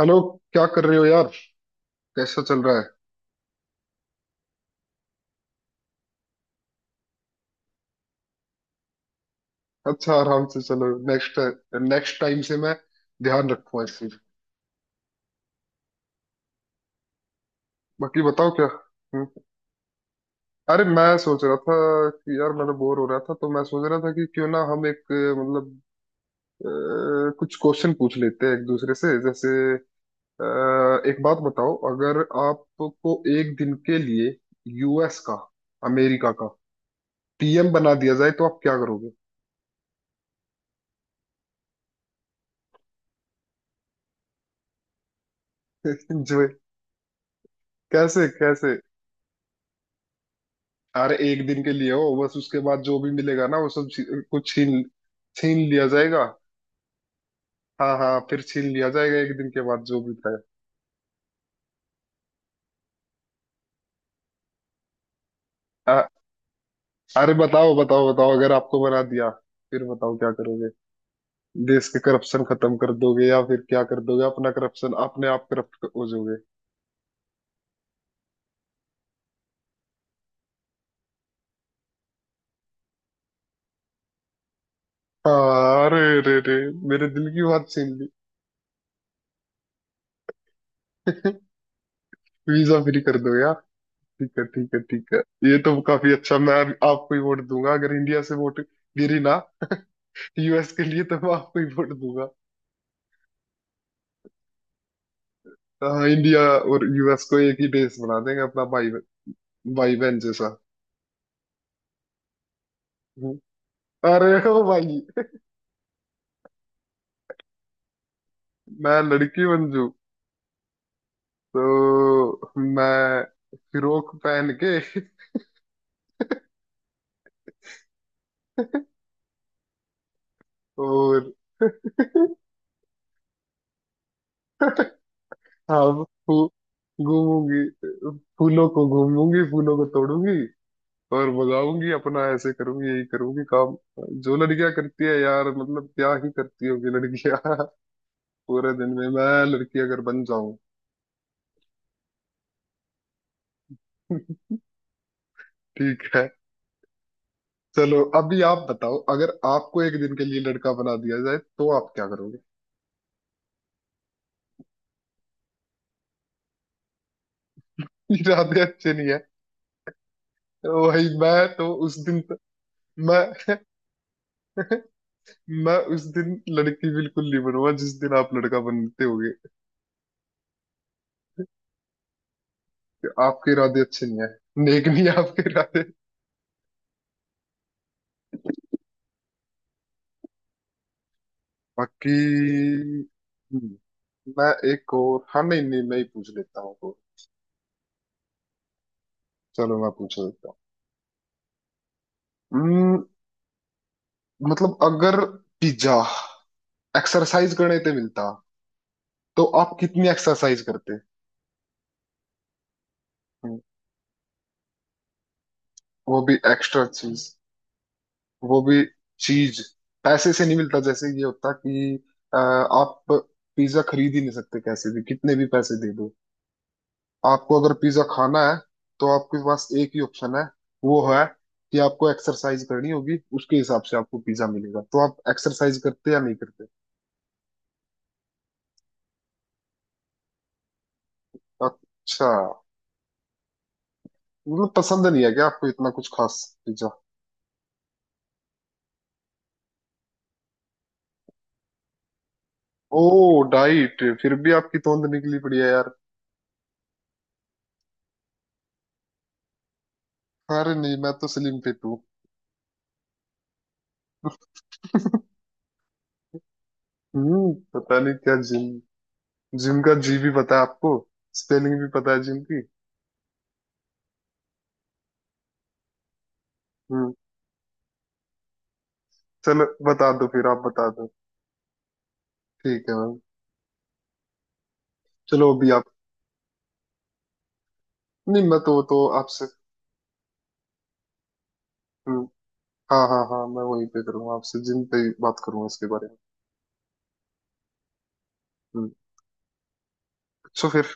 Hello. क्या कर रहे हो यार? कैसा चल रहा है? अच्छा, आराम से। चलो नेक्स्ट, नेक्स्ट टाइम से मैं ध्यान रखूंगा इस चीज। बाकी बताओ क्या। हम्म, अरे मैं सोच रहा था कि यार मैं तो बोर हो रहा था, तो मैं सोच रहा था कि क्यों ना हम एक मतलब कुछ क्वेश्चन पूछ लेते हैं एक दूसरे से। जैसे अ, एक बात बताओ, अगर आपको एक दिन के लिए यूएस का, अमेरिका का पीएम बना दिया जाए तो आप क्या करोगे? जो कैसे कैसे, अरे एक दिन के लिए हो बस, उसके बाद जो भी मिलेगा ना वो सब कुछ छीन, छीन लिया जाएगा। हाँ हाँ, फिर छीन लिया जाएगा एक दिन के बाद जो भी था। अ- अरे बताओ बताओ बताओ, अगर आपको बना दिया फिर बताओ क्या करोगे? देश के करप्शन खत्म कर दोगे, या फिर क्या कर दोगे? अपना करप्शन, अपने आप करप्ट हो जाओगे? हाँ, अरे रे रे, मेरे दिल की बात छीन ली। वीजा फ्री कर दो यार। ठीक है ठीक है ठीक है। ये तो काफी अच्छा। मैं आपको ही वोट दूंगा अगर इंडिया से वोट गिरी ना, यूएस के लिए तो मैं आपको ही वोट दूंगा। हाँ, इंडिया और यूएस को एक ही देश बना देंगे अपना, भाई भाई बहन जैसा। हम्म। अरे ओ भाई, मैं लड़की बन जू तो मैं फिरोक पहन के, और हाँ घूमूंगी, फूलों को घूमूंगी, फूलों को तोड़ूंगी, और बजाऊंगी अपना, ऐसे करूंगी, यही करूंगी काम जो लड़कियां करती है यार। मतलब क्या ही करती होगी लड़कियां। पूरे दिन में मैं लड़की अगर बन जाऊं। ठीक है। चलो अभी आप बताओ, अगर आपको एक दिन के लिए लड़का बना दिया जाए तो आप क्या करोगे? इरादे अच्छे नहीं है, वही। मैं तो उस दिन, मैं मैं उस दिन लड़की बिल्कुल नहीं बनूंगा जिस दिन आप लड़का बनते होगे। आपके इरादे अच्छे नहीं है, नेक नहीं है आपके इरादे। बाकी, हम्म, मैं एक और, हाँ नहीं नहीं, मैं ही पूछ लेता हूँ तो। चलो मैं पूछ लेता हूँ। हम्म, मतलब अगर पिज्जा एक्सरसाइज करने पे मिलता तो आप कितनी एक्सरसाइज करते? हम्म, वो भी एक्स्ट्रा चीज, वो भी चीज, पैसे से नहीं मिलता। जैसे ये होता कि आप पिज्जा खरीद ही नहीं सकते कैसे भी, कितने भी पैसे दे दो। आपको अगर पिज्जा खाना है तो आपके पास एक ही ऑप्शन है, वो है कि आपको एक्सरसाइज करनी होगी, उसके हिसाब से आपको पिज्जा मिलेगा। तो आप एक्सरसाइज करते या नहीं करते? अच्छा, मतलब पसंद नहीं है क्या आपको इतना कुछ खास पिज्जा? ओ डाइट, फिर भी आपकी तोंद निकली पड़ी है यार। अरे नहीं, मैं तो स्लिम फिट हूँ। हम्म, पता नहीं क्या जिम। जिम का जी भी पता है आपको? स्पेलिंग भी पता है जिम की? हम्म, चलो बता दो फिर, आप बता दो। ठीक है मैम। चलो अभी आप, नहीं मैं तो आपसे, हम्म, हाँ हाँ हाँ, मैं वहीं पे करूंगा, आपसे जिम पे ही बात करूंगा इसके बारे में। हम्म। सो फिर,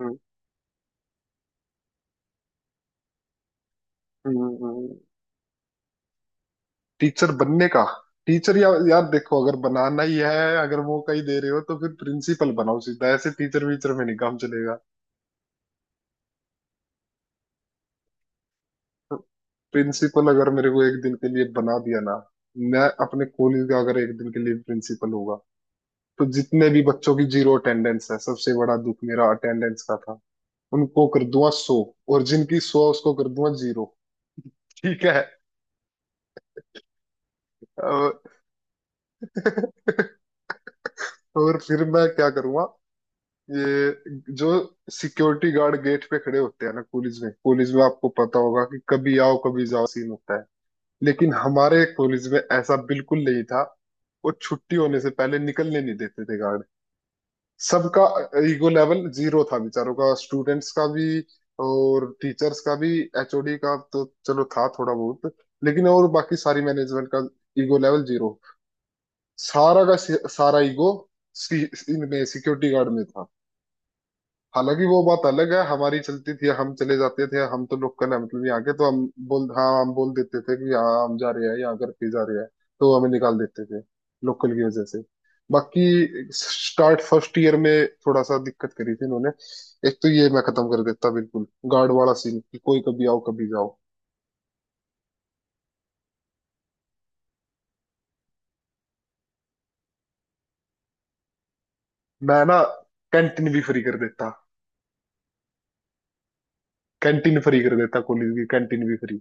हम्म हम्म। टीचर बनने का, टीचर या यार देखो, अगर बनाना ही है, अगर मौका ही दे रहे हो तो फिर प्रिंसिपल बनाओ सीधा, ऐसे टीचर वीचर में नहीं काम चलेगा। प्रिंसिपल अगर मेरे को एक दिन के लिए बना दिया ना, मैं अपने कॉलेज का अगर एक दिन के लिए प्रिंसिपल होगा, तो जितने भी बच्चों की जीरो अटेंडेंस है, सबसे बड़ा दुख मेरा अटेंडेंस का था, उनको कर दूंगा सौ, और जिनकी सौ उसको कर दूंगा जीरो। ठीक है? और और फिर मैं क्या करूंगा, ये जो सिक्योरिटी गार्ड गेट पे खड़े होते हैं ना कॉलेज में, कॉलेज में आपको पता होगा कि कभी आओ कभी जाओ सीन होता है, लेकिन हमारे कॉलेज में ऐसा बिल्कुल नहीं था। वो छुट्टी होने से पहले निकलने नहीं देते थे गार्ड। सबका ईगो लेवल जीरो था बेचारों का, स्टूडेंट्स का भी और टीचर्स का भी। एचओडी का तो चलो था थोड़ा बहुत, लेकिन और बाकी सारी मैनेजमेंट का ईगो लेवल जीरो। सारा का सारा ईगो इनमें सिक्योरिटी गार्ड में था। हालांकि वो बात अलग है, हमारी चलती थी, हम चले जाते थे। हम तो लोकल है, मतलब यहाँ के, तो हम बोल, हाँ हम बोल देते थे कि यहाँ हम जा रहे हैं, यहाँ घर पे जा रहे हैं, तो हमें निकाल देते थे लोकल की वजह से। बाकी स्टार्ट फर्स्ट ईयर में थोड़ा सा दिक्कत करी थी इन्होंने। एक तो ये मैं खत्म कर देता बिल्कुल, गार्ड वाला सीन कि कोई कभी आओ कभी जाओ। मैं ना कैंटीन भी फ्री कर देता। कैंटीन फ्री कर देता कॉलेज की, कैंटीन भी फ्री।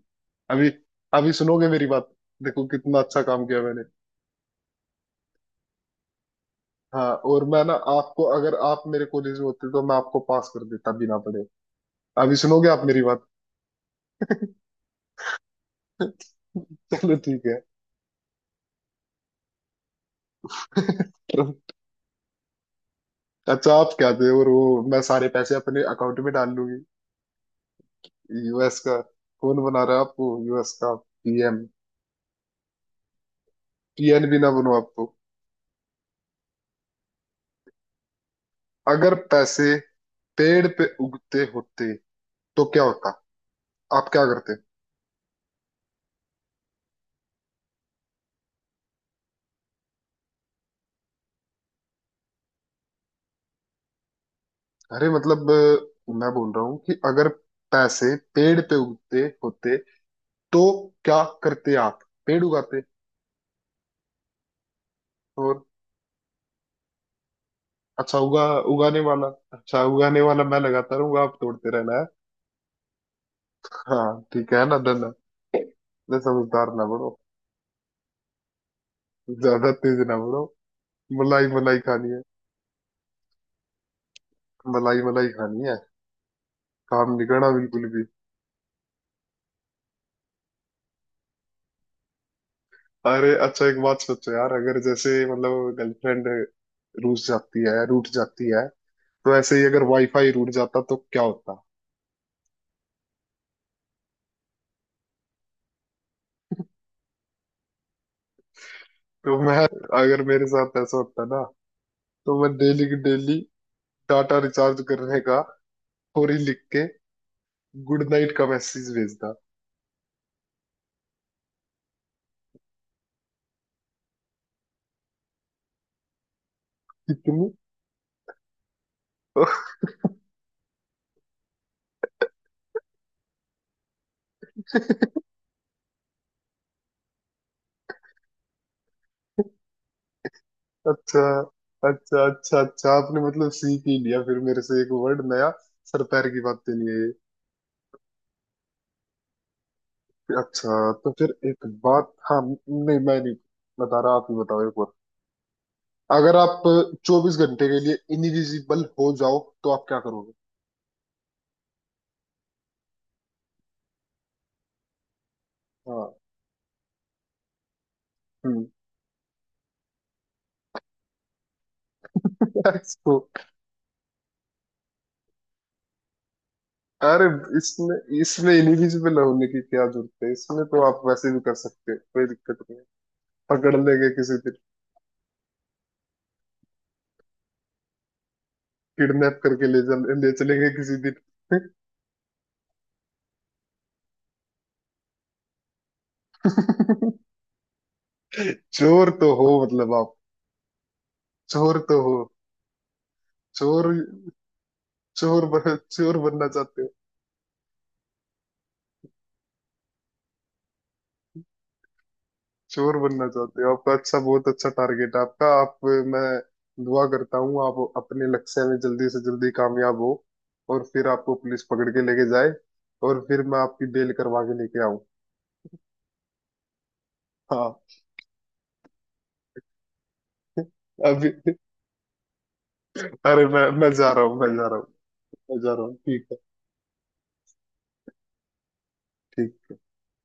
अभी, अभी सुनोगे मेरी बात। देखो कितना अच्छा काम किया मैंने। हाँ और मैं ना आपको, अगर आप मेरे कॉलेज में होते तो मैं आपको पास कर देता बिना पढ़े। अभी सुनोगे आप मेरी बात। चलो ठीक है। अच्छा आप क्या थे, और वो मैं सारे पैसे अपने अकाउंट में डाल लूंगी, यूएस का। कौन बना रहा है आपको यूएस का पीएम? पीएन भी ना बनो आप तो। अगर पैसे पेड़ पे उगते होते तो क्या होता? आप क्या करते? अरे मतलब मैं बोल रहा हूँ कि अगर पैसे पेड़ पे उगते होते तो क्या करते आप? पेड़ उगाते? और अच्छा उगा, उगाने वाला, अच्छा उगाने वाला मैं लगाता रहूंगा, आप तोड़ते रहना है। हाँ ठीक है ना, धन इतने समझदार ना बनो, ज्यादा तेज ना बनो। मलाई मलाई खानी है, मलाई मलाई खानी है, काम नहीं करना बिल्कुल भी। अरे अच्छा एक बात सोचो यार, अगर जैसे मतलब गर्लफ्रेंड रूठ जाती है, रूठ जाती है, तो ऐसे ही अगर वाईफाई रूठ जाता तो क्या होता? तो मैं, अगर मेरे साथ ऐसा होता ना, तो मैं डेली की डेली टाटा रिचार्ज करने का और ही लिख के गुड नाइट का मैसेज भेजता। इतनी अच्छा अच्छा अच्छा, अच्छा आपने मतलब सीख ही लिया फिर मेरे से एक वर्ड नया, सर पैर की बातें नहीं है ये। अच्छा तो फिर एक बात, हाँ नहीं मैं नहीं बता रहा, आप ही बताओ एक बार, अगर आप 24 घंटे के लिए इनविजिबल हो जाओ तो आप क्या करोगे? हाँ। हम्म। इसको, अरे इसमें, इसमें इनविजिबल होने की क्या जरूरत है? इसमें तो आप वैसे भी कर सकते हो, कोई दिक्कत? पकड़ लेंगे किसी दिन, किडनैप करके ले चल, ले चलेंगे किसी दिन। चोर तो हो मतलब आप, चोर तो हो। चोर चोर बन, चोर बनना चाहते हो? चोर बनना चाहते हो, आपका अच्छा, बहुत अच्छा टारगेट है आपका। आप, मैं दुआ करता हूँ आप अपने लक्ष्य में जल्दी से जल्दी कामयाब हो, और फिर आपको पुलिस पकड़ के लेके जाए, और फिर मैं आपकी बेल करवा के लेके आऊं। हाँ। अभी अरे मैं जा रहा हूँ, मैं जा रहा हूँ, मैं जा रहा हूँ ठीक है। ठीक।